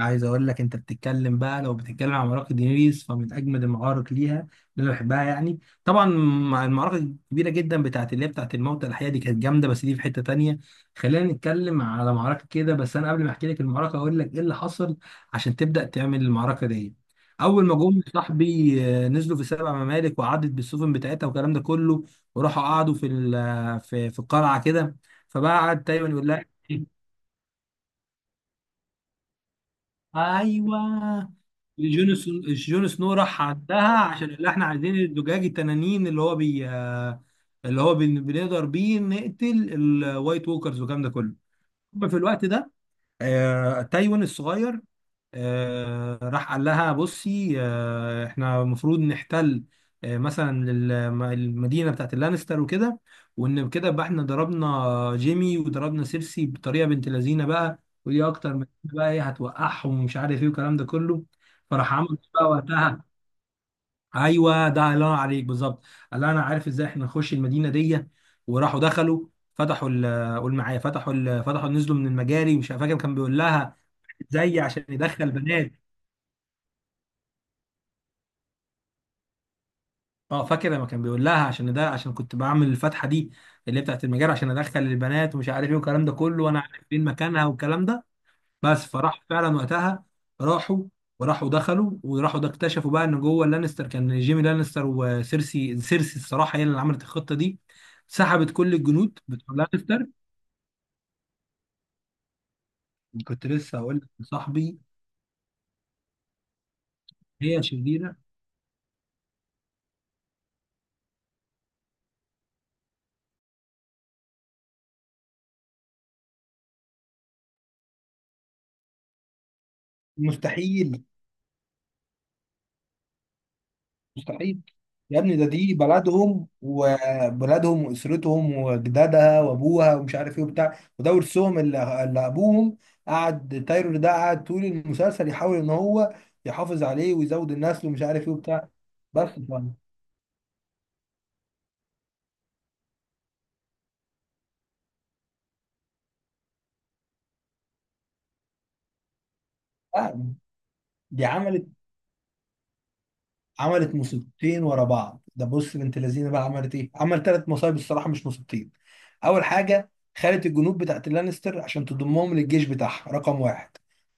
عايز اقول لك انت بتتكلم بقى. لو بتتكلم عن معركه دينيريس فمن اجمد المعارك ليها اللي انا بحبها يعني، طبعا مع المعركه الكبيره جدا بتاعت اللي هي بتاعت الموتى الاحياء، دي كانت جامده، بس دي في حته تانية. خلينا نتكلم على معركه كده، بس انا قبل ما احكي لك المعركه اقول لك ايه اللي حصل عشان تبدا تعمل المعركه دي. اول ما جم صاحبي نزلوا في سبع ممالك وعدت بالسفن بتاعتها والكلام ده كله، وراحوا قعدوا في في القلعه كده. فبقى قعد تايوان يقول لها، ايوه، جون سنو راح عندها عشان اللي احنا عايزين الزجاج التنانين اللي هو بي، اللي هو بنقدر بيه نقتل الوايت ووكرز والكلام ده كله. في الوقت ده، تايوان الصغير راح قال لها، بصي، احنا المفروض نحتل مثلا المدينه بتاعت اللانستر وكده، وان كده بقى احنا ضربنا جيمي وضربنا سيرسي بطريقه بنت لذينه بقى، ودي اكتر من كده بقى، ايه هتوقعهم ومش عارف ايه والكلام ده كله. فراح عمل إيه بقى وقتها؟ ايوه، ده الله ينور عليك، بالظبط. قال لها انا عارف ازاي احنا نخش المدينه دي، وراحوا دخلوا، فتحوا قول معايا، فتحوا نزلوا من المجاري، مش فاكر كان بيقول لها ازاي عشان يدخل بنات. اه فاكر لما كان بيقول لها عشان ده عشان كنت بعمل الفتحه دي اللي هي بتاعت المجال عشان ادخل البنات ومش عارف ايه والكلام ده كله، وانا عارف فين مكانها والكلام ده. بس فراح فعلا وقتها، راحوا، وراحوا دخلوا وراحوا ده اكتشفوا بقى ان جوه لانستر كان جيمي لانستر وسيرسي الصراحه هي اللي عملت الخطه دي، سحبت كل الجنود بتوع لانستر. كنت لسه هقول لك يا صاحبي، هي شريره، مستحيل، مستحيل. يا ابني ده دي بلدهم وبلدهم واسرتهم وجدادها وابوها ومش عارف ايه وبتاع، وده ورثهم اللي ابوهم قعد تايرور ده قعد طول المسلسل يحاول ان هو يحافظ عليه ويزود النسل ومش عارف ايه وبتاع. بس ف- آه، دي عملت مصيبتين ورا بعض، ده بص بنت لذينه بقى، عملت ايه؟ عمل ثلاث مصايب الصراحه مش مصيبتين. اول حاجه خدت الجنود بتاعت اللانستر عشان تضمهم للجيش بتاعها، رقم واحد.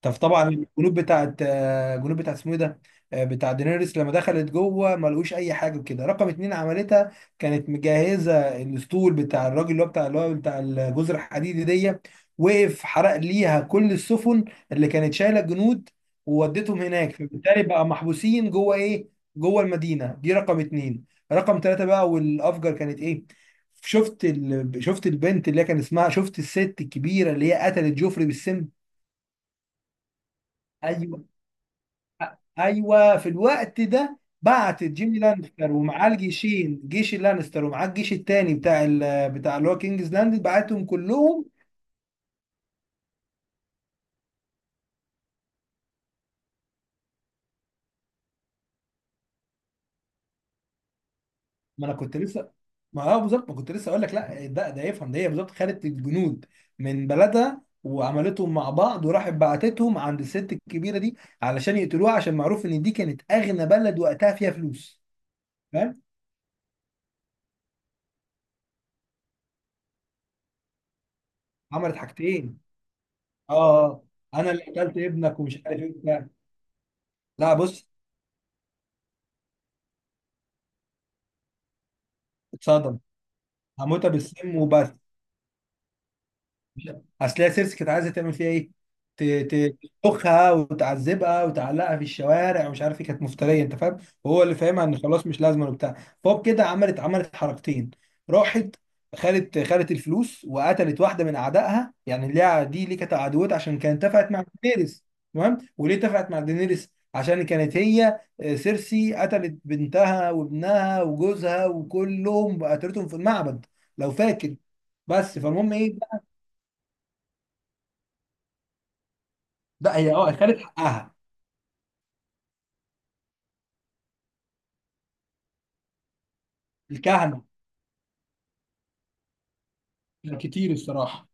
فطبعا الجنود بتاعت الجنود بتاعت اسمه ايه ده، بتاع دينيريس لما دخلت جوه ما لقوش اي حاجه كده، رقم اتنين عملتها، كانت مجهزه الاسطول بتاع الراجل اللي هو بتاع اللي هو بتاع الجزر الحديدي دي، وقف حرق ليها كل السفن اللي كانت شايله الجنود، وودتهم هناك، فبالتالي بقى محبوسين جوه ايه، جوه المدينه دي، رقم اتنين. رقم ثلاثه بقى والافجر كانت ايه، شفت شفت البنت اللي هي كان اسمها، شفت الست الكبيره اللي هي قتلت جوفري بالسم؟ ايوه، ايوه. في الوقت ده بعت جيمي لانستر ومعاه الجيشين، جيش اللانستر، ومعاه الجيش التاني بتاع اللي هو كينجز لاند، بعتهم كلهم. ما انا كنت لسه، ما هو بالظبط ما كنت لسه اقول لك، لا ده ده يفهم ده، هي بالظبط خدت الجنود من بلدها وعملتهم مع بعض، وراحت بعتتهم عند الست الكبيره دي علشان يقتلوها، عشان معروف ان دي كانت اغنى بلد وقتها فيها فلوس. فاهم؟ عملت حاجتين، اه آه، انا اللي قتلت ابنك ومش عارف ايه وبتاع. لا بص، اتصدم، هموتها بالسم وبس. لا. اصل هي سيرسي كانت عايزه تعمل فيها ايه، ت- تخها وتعذبها وتعلقها في الشوارع ومش عارف ايه، كانت مفتريه انت فاهم، وهو اللي فاهمها ان خلاص مش لازمه وبتاع. فهو كده عملت حركتين، راحت خدت الفلوس وقتلت واحده من اعدائها يعني ليها، دي اللي كانت عدوتها عشان كانت اتفقت مع دينيريس. تمام، وليه اتفقت مع دينيريس؟ عشان كانت هي سيرسي قتلت بنتها وابنها وجوزها وكلهم قتلتهم في المعبد، لو فاكر. بس فالمهم ايه، لا هي اه خدت حقها. الكهنه كان كتير الصراحه.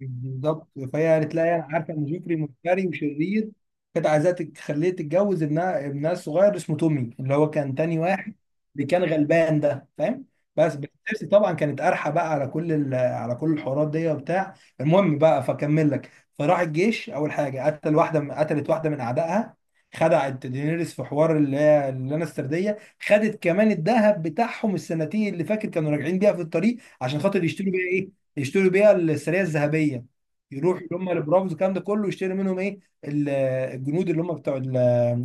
بالظبط فهي قالت لا، يعني عارفه ان جوفري مفتري وشرير، كانت عايزاه تخليه تتجوز ابنها، ابنها الصغير اسمه تومي اللي هو كان تاني واحد، اللي كان غلبان ده، فاهم. بس تيرسي طبعا كانت قارحه بقى على على كل الحوارات دي وبتاع. المهم بقى فكمل لك. فراح الجيش اول حاجه قتل قتلت واحده من اعدائها، خدعت دينيريس في حوار اللي هي اللانسترديه، خدت كمان الذهب بتاعهم السنتين اللي فاكر كانوا راجعين بيها في الطريق عشان خاطر يشتروا بيها إيه؟ يشتروا بيها السريه الذهبيه، يروحوا اللي هم البرافوز الكلام ده كله يشتروا منهم ايه الجنود اللي هم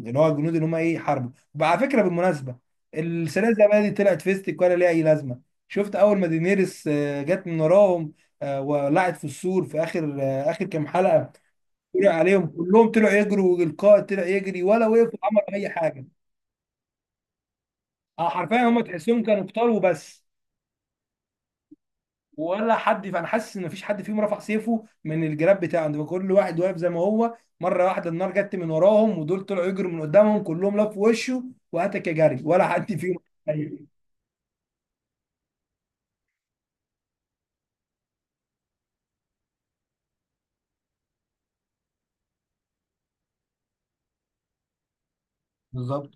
اللي هو الجنود اللي هم ايه حاربوا. وعلى فكره بالمناسبه، السريه الذهبيه دي طلعت فيستك ولا ليها اي لازمه؟ شفت اول ما دينيرس جت من وراهم، ولعت في السور في اخر اخر كام حلقه، طلع عليهم كلهم طلعوا يجروا، والقائد طلع يجري، ولا وقفوا عملوا اي حاجه. حرفيا هم تحسهم كانوا قتال وبس. ولا حد، فانا حاسس ان مفيش حد فيهم رفع سيفه من الجراب بتاعه ده، كل واحد واقف زي ما هو، مره واحده النار جت من وراهم، ودول طلعوا يجروا من قدامهم كلهم، لفوا وشه وهاتك يا جري، ولا حد فيهم. أيوة. بالظبط.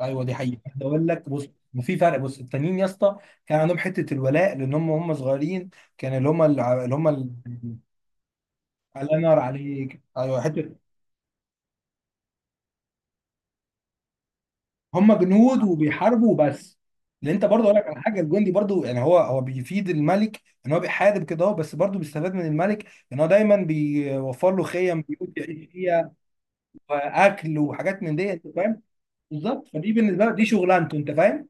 ايوه دي حقيقه، ده اقول لك بص، في فرق، بص التانيين يا اسطى كان عندهم حته الولاء لان هم صغيرين، كان الله ينور عليك، ايوه حته. هم جنود وبيحاربوا وبس. لان انت برضه اقول لك على حاجه، الجندي برضه يعني هو بيفيد الملك ان هو بيحارب كده اهو، بس برضه بيستفاد من الملك ان هو دايما بيوفر له خيم، بيوت يعيش فيها، واكل، وحاجات من دي، انت فاهم. بالظبط، فدي بالنسبه له دي شغلانته، انت فاهم.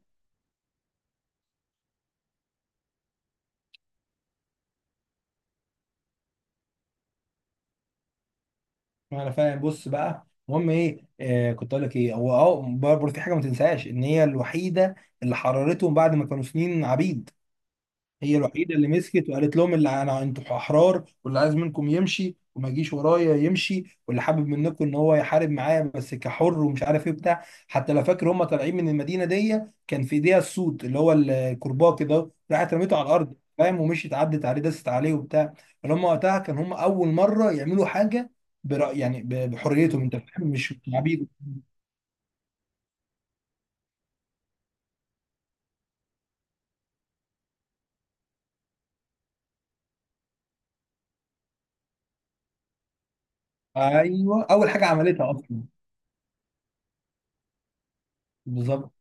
انا فاهم. بص بقى المهم ايه، آه كنت اقول لك ايه، هو اه برضه في حاجه ما تنساش، ان هي الوحيده اللي حررتهم بعد ما كانوا سنين عبيد، هي الوحيده اللي مسكت وقالت لهم اللي انا انتوا احرار، واللي عايز منكم يمشي وما يجيش ورايا يمشي، واللي حابب منكم ان هو يحارب معايا بس كحر ومش عارف ايه بتاع، حتى لو فاكر هم طالعين من المدينه دي، كان في ايديها السوط اللي هو الكرباج كده، راحت رميته على الارض، فاهم، ومشيت عدت عليه، دست عليه وبتاع. اللي هم وقتها كان هم اول مره يعملوا حاجه برأي يعني بحريتهم، انت فاهم، مش عبيد. ايوه اول حاجه عملتها اصلا. بالظبط.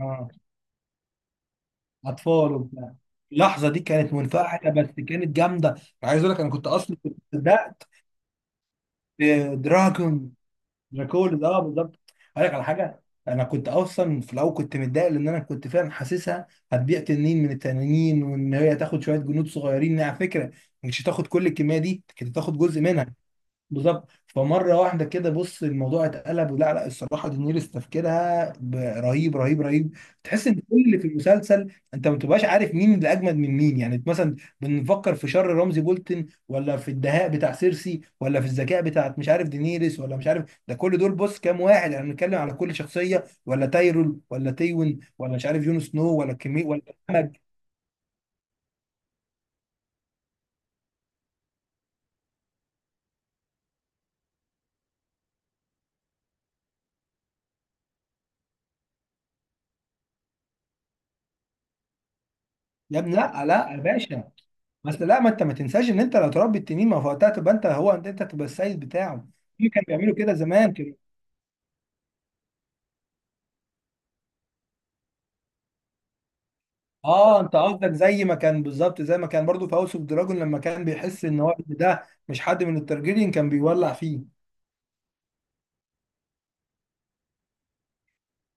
آه. اطفال وبتاع. اللحظه دي كانت منفعله، بس كانت جامده. انا عايز اقول لك انا كنت اصلا كنت بدات. دراجون، دراكول ده اه بالظبط. هقول لك على حاجه، انا كنت اصلا في الاول كنت متضايق لان انا كنت فعلا حاسسها هتبيع تنين من التنانين، وان هي تاخد شويه جنود صغيرين على فكره، مش هتاخد كل الكميه دي، كانت هتاخد جزء منها. بالظبط. فمره واحده كده بص الموضوع اتقلب. لا لا الصراحه دينيريس تفكيرها رهيب، رهيب، رهيب. تحس ان كل اللي في المسلسل انت ما بتبقاش عارف مين اللي اجمد من مين، يعني مثلا بنفكر في شر رمزي بولتن، ولا في الدهاء بتاع سيرسي، ولا في الذكاء بتاعت مش عارف دينيريس، ولا مش عارف ده، كل دول بص كام واحد، يعني بنتكلم على كل شخصيه، ولا تايرول، ولا تيون، ولا مش عارف جون سنو، ولا كمي، ولا كمج. يا ابني لا لا يا باشا، بس لا ما انت ما تنساش ان انت لو تربي التنين ما هو وقتها تبقى انت هو، انت تبقى السيد بتاعه، في كانوا بيعملوا كده زمان كده. اه انت قصدك زي ما كان، بالظبط زي ما كان برضو في هاوس اوف دراجون لما كان بيحس ان هو إن ده مش حد من الترجيريين كان بيولع فيه.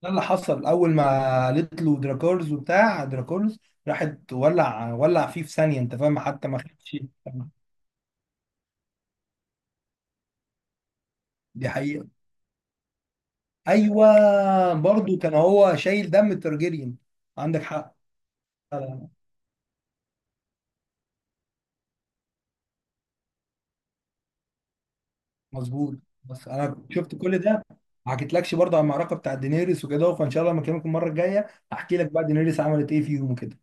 ده اللي حصل اول ما قالت له دراكورز وبتاع، دراكورز، راحت ولع فيه في ثانيه انت فاهم، حتى ما خدش. دي حقيقه، ايوه، برضو كان هو شايل دم الترجيريين، عندك حق. مظبوط، بس انا شفت كل ده، ما حكيتلكش برضه عن المعركه بتاع دينيريس وكده، فان شاء الله لما اكلمك المره الجايه هحكي لك بقى دينيريس عملت ايه فيهم وكده.